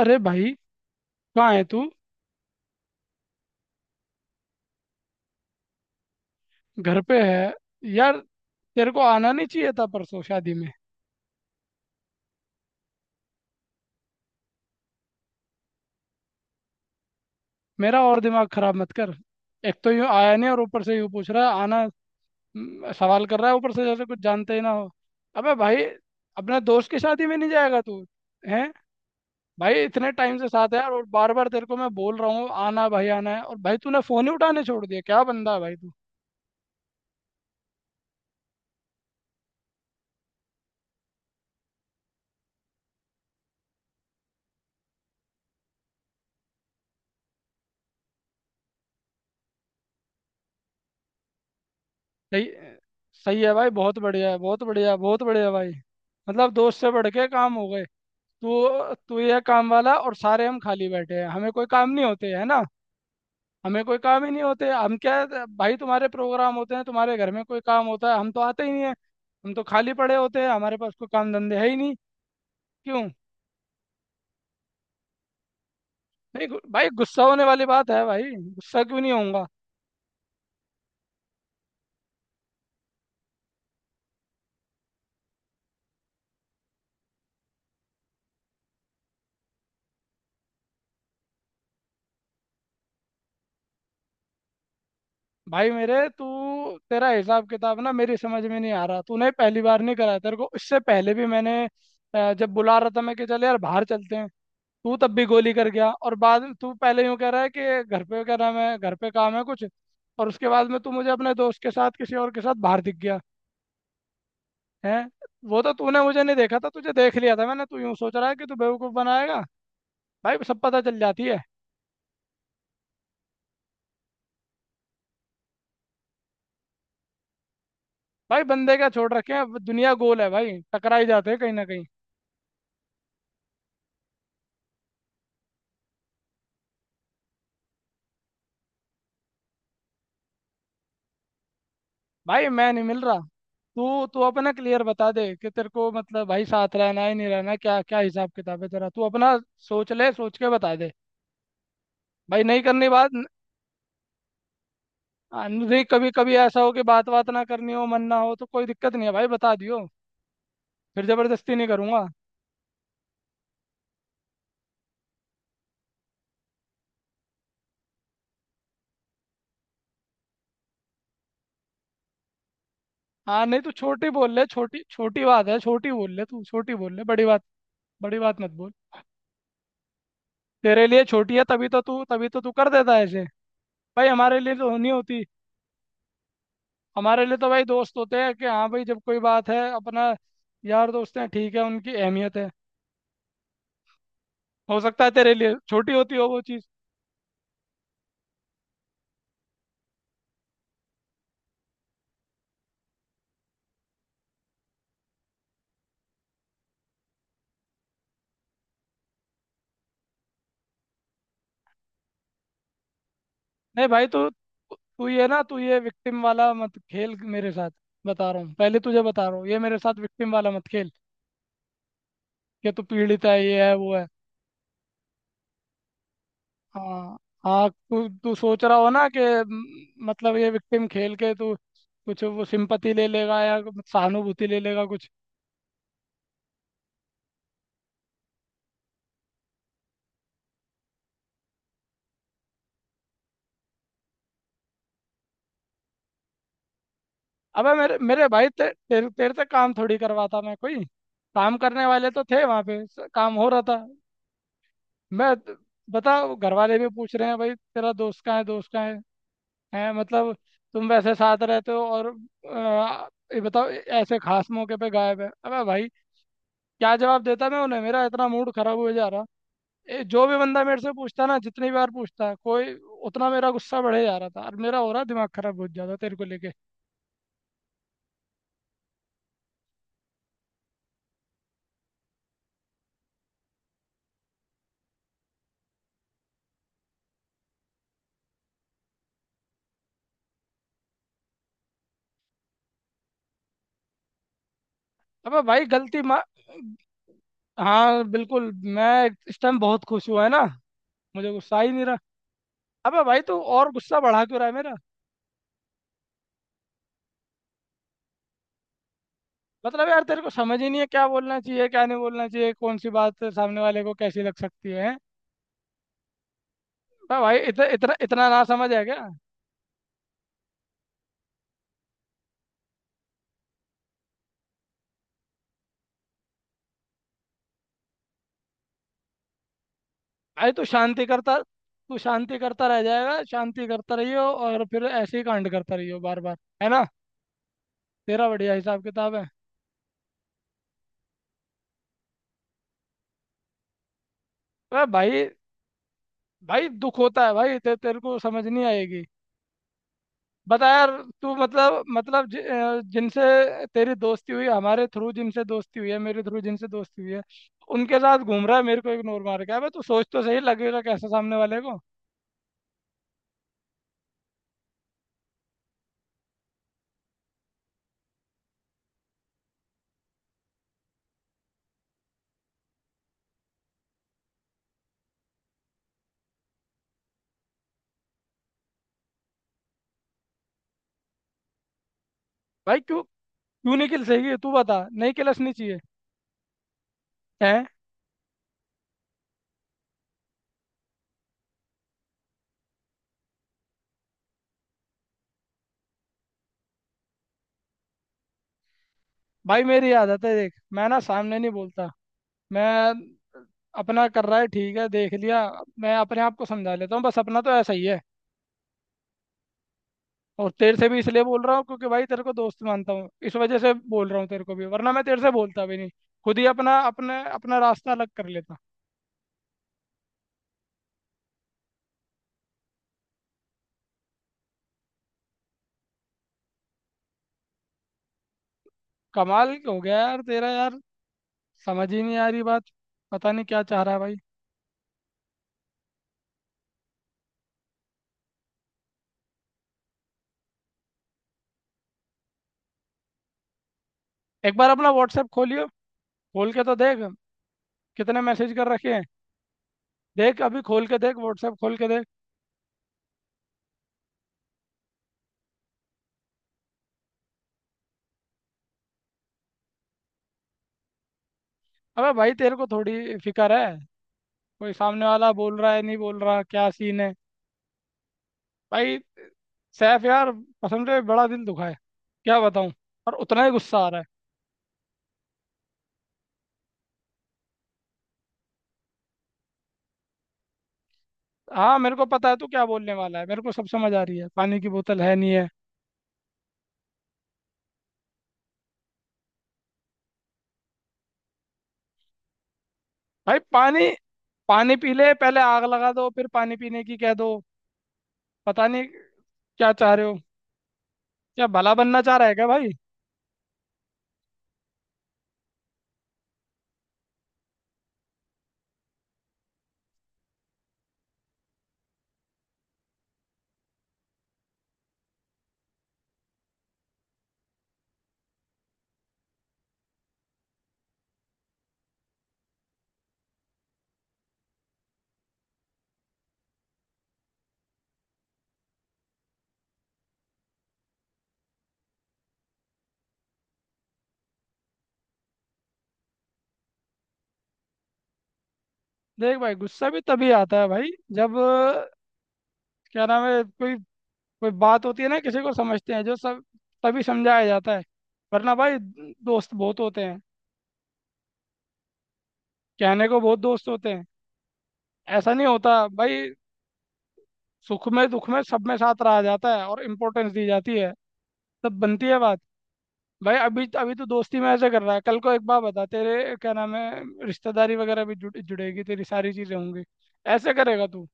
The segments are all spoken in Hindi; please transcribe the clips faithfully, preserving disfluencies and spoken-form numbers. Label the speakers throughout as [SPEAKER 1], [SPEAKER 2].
[SPEAKER 1] अरे भाई, कहाँ है तू। घर पे है। यार तेरे को आना नहीं चाहिए था परसों शादी में। मेरा और दिमाग खराब मत कर। एक तो यूं आया नहीं और ऊपर से यूं पूछ रहा है आना। हम्म, सवाल कर रहा है ऊपर से जैसे कुछ जानते ही ना हो। अबे भाई, अपने दोस्त की शादी में नहीं जाएगा तू। हैं। भाई इतने टाइम से साथ है यार, और बार बार तेरे को मैं बोल रहा हूँ आना भाई, आना है, और भाई तूने फोन ही उठाने छोड़ दिया। क्या बंदा है भाई तू। सही। सही है भाई, बहुत बढ़िया है, बहुत बढ़िया, बहुत बढ़िया भाई। मतलब दोस्त से बढ़ के काम हो गए। तू तू ये काम वाला और सारे हम खाली बैठे हैं, हमें कोई काम नहीं होते है ना। हमें कोई काम ही नहीं होते, हम क्या है, भाई तुम्हारे प्रोग्राम होते हैं, तुम्हारे घर में कोई काम होता है, हम तो आते ही नहीं है। हम तो खाली पड़े होते हैं, हमारे पास कोई काम धंधे है ही नहीं। क्यों। नहीं गु- भाई गुस्सा होने वाली बात है भाई, गुस्सा क्यों नहीं होऊंगा। भाई मेरे, तू, तेरा हिसाब किताब ना मेरी समझ में नहीं आ रहा, तूने पहली बार नहीं कराया, तेरे को इससे पहले भी मैंने अ, जब बुला रहा था मैं कि चल यार बाहर चलते हैं, तू तब भी गोली कर गया, और बाद में तू पहले यूं कह रहा है कि घर पे क्या नाम है, घर पे काम है कुछ, और उसके बाद में तू मुझे अपने दोस्त के साथ किसी और के साथ बाहर दिख गया। है। वो तो तूने मुझे नहीं देखा था, तुझे देख लिया था मैंने। तू यूं सोच रहा है कि तू बेवकूफ बनाएगा। भाई सब पता चल जाती है। भाई बंदे क्या छोड़ रखे हैं, दुनिया गोल है भाई, टकरा ही जाते हैं कहीं ना कहीं। भाई मैं नहीं मिल रहा। तू तू अपना क्लियर बता दे कि तेरे को मतलब भाई साथ रहना है नहीं रहना है, क्या क्या हिसाब किताब है तेरा, तू अपना सोच ले, सोच के बता दे। भाई नहीं करनी बात। हाँ, नहीं, कभी कभी ऐसा हो कि बात बात ना करनी हो, मन ना हो, तो कोई दिक्कत नहीं है भाई, बता दियो। फिर जबरदस्ती नहीं करूंगा। हाँ, नहीं, तू छोटी बोल ले, छोटी छोटी बात है, छोटी बोल ले, तू छोटी बोल ले, बड़ी बात, बड़ी बात मत बोल। तेरे लिए छोटी है, तभी तो तू तभी तो तू कर देता है ऐसे। भाई हमारे लिए तो नहीं होती। हमारे लिए तो भाई दोस्त होते हैं, कि हाँ भाई, जब कोई बात है अपना यार दोस्त हैं, ठीक है, उनकी अहमियत है। हो सकता है तेरे लिए छोटी होती हो वो चीज़। नहीं भाई, तू तू ये ना, तू ये विक्टिम वाला मत खेल मेरे साथ। बता रहा हूँ पहले तुझे, बता रहा हूँ, ये मेरे साथ विक्टिम वाला मत खेल, कि तू पीड़ित है, ये है वो है। हाँ, हाँ, तू तू सोच रहा हो ना कि म, मतलब ये विक्टिम खेल के तू कुछ वो सिंपति ले लेगा, या सहानुभूति ले लेगा कुछ। अबे मेरे मेरे भाई, ते, तेरे तेरे से काम थोड़ी करवाता मैं कोई। काम करने वाले तो थे वहां पे, स- काम हो रहा था। मैं बता, घर वाले भी पूछ रहे हैं भाई तेरा दोस्त कहाँ है, दोस्त कहाँ है। है मतलब, तुम वैसे साथ रहते हो और अ, ये बताओ ऐसे खास मौके पे गायब है। अबे भाई क्या जवाब देता मैं उन्हें, मेरा इतना मूड खराब हो जा रहा। ए, जो भी बंदा मेरे से पूछता ना, जितनी बार पूछता है कोई, उतना मेरा गुस्सा बढ़े जा रहा था, और मेरा हो रहा दिमाग खराब बहुत ज्यादा तेरे को लेके। अबे भाई गलती मा हाँ बिल्कुल, मैं इस टाइम बहुत खुश हुआ है ना, मुझे गुस्सा ही नहीं रहा। अबे भाई तू और गुस्सा बढ़ा क्यों रहा है मेरा। मतलब यार तेरे को समझ ही नहीं है क्या बोलना चाहिए, क्या नहीं बोलना चाहिए, कौन सी बात सामने वाले को कैसी लग सकती है। वाह भाई, इतना इतना इतना ना समझ है क्या। भाई तू शांति करता, तू शांति करता रह जाएगा, शांति करता रहियो, और फिर ऐसे ही कांड करता रहियो बार बार, है ना, तेरा बढ़िया हिसाब किताब है। वाह भाई। भाई दुख होता है भाई, ते, तेरे को समझ नहीं आएगी। बता यार। तू मतलब मतलब जि, अ, जिनसे तेरी दोस्ती हुई हमारे थ्रू, जिनसे दोस्ती हुई है मेरे थ्रू, जिनसे दोस्ती हुई है, उनके साथ घूम रहा है मेरे को इग्नोर मार के। अबे तू सोच, तो सही लगेगा कैसा सामने वाले को। भाई क्यों, क्यों नहीं खिल सही, तू बता, नहीं खिलसनी चाहिए। हैं। भाई मेरी आदत है देख, मैं ना सामने नहीं बोलता। मैं, अपना कर रहा है ठीक है, देख लिया, मैं अपने आप को समझा लेता हूँ बस, अपना तो ऐसा ही है। और तेरे से भी इसलिए बोल रहा हूँ क्योंकि भाई तेरे को दोस्त मानता हूँ, इस वजह से बोल रहा हूँ तेरे को भी, वरना मैं तेरे से बोलता भी नहीं, खुद ही अपना अपने अपना रास्ता अलग कर लेता। कमाल हो गया यार तेरा यार, समझ ही नहीं आ रही बात, पता नहीं क्या चाह रहा है भाई। एक बार अपना व्हाट्सएप खोलियो, खोल के तो देख कितने मैसेज कर रखे हैं। देख अभी खोल के देख, व्हाट्सएप खोल के देख। अबे भाई तेरे को थोड़ी फिक्र है, कोई सामने वाला बोल रहा है नहीं बोल रहा, क्या सीन है भाई। सैफ यार, कसम से बड़ा दिल दुखा है, क्या बताऊं, और उतना ही गुस्सा आ रहा है। हाँ मेरे को पता है तू क्या बोलने वाला है, मेरे को सब समझ आ रही है, पानी की बोतल है नहीं है। भाई पानी, पानी पी ले पहले, आग लगा दो फिर पानी पीने की कह दो। पता नहीं क्या चाह रहे हो, क्या भला बनना चाह रहा है क्या भाई। देख भाई, गुस्सा भी तभी आता है भाई, जब अ, क्या नाम है, कोई कोई बात होती है ना, किसी को समझते हैं जो सब, तभी समझाया जाता है। वरना भाई दोस्त बहुत होते हैं, कहने को बहुत दोस्त होते हैं। ऐसा नहीं होता भाई, सुख में दुख में सब में साथ रहा जाता है और इम्पोर्टेंस दी जाती है, तब बनती है बात। भाई अभी अभी तो दोस्ती में ऐसे कर रहा है, कल को एक बार बता तेरे क्या नाम है, रिश्तेदारी वगैरह भी जुड़, जुड़ेगी, तेरी सारी चीजें होंगी। ऐसे करेगा तू।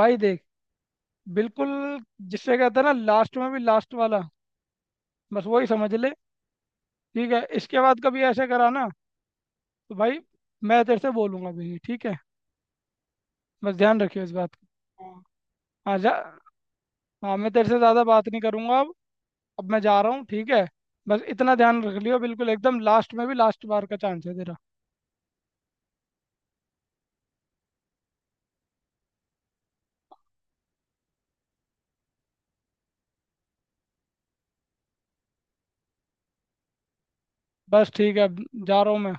[SPEAKER 1] भाई देख, बिल्कुल, जिससे कहते हैं ना लास्ट में भी लास्ट वाला, बस वही समझ ले। ठीक है, इसके बाद कभी ऐसे करा ना, तो भाई मैं तेरे से बोलूंगा भी नहीं। ठीक है, बस ध्यान रखियो इस बात का। हाँ। हाँ, जा। हाँ मैं तेरे से ज़्यादा बात नहीं करूंगा अब। अब मैं जा रहा हूँ ठीक है, बस इतना ध्यान रख लियो, बिल्कुल एकदम लास्ट में भी लास्ट बार का चांस है तेरा। बस ठीक है अब, जा रहा हूँ मैं।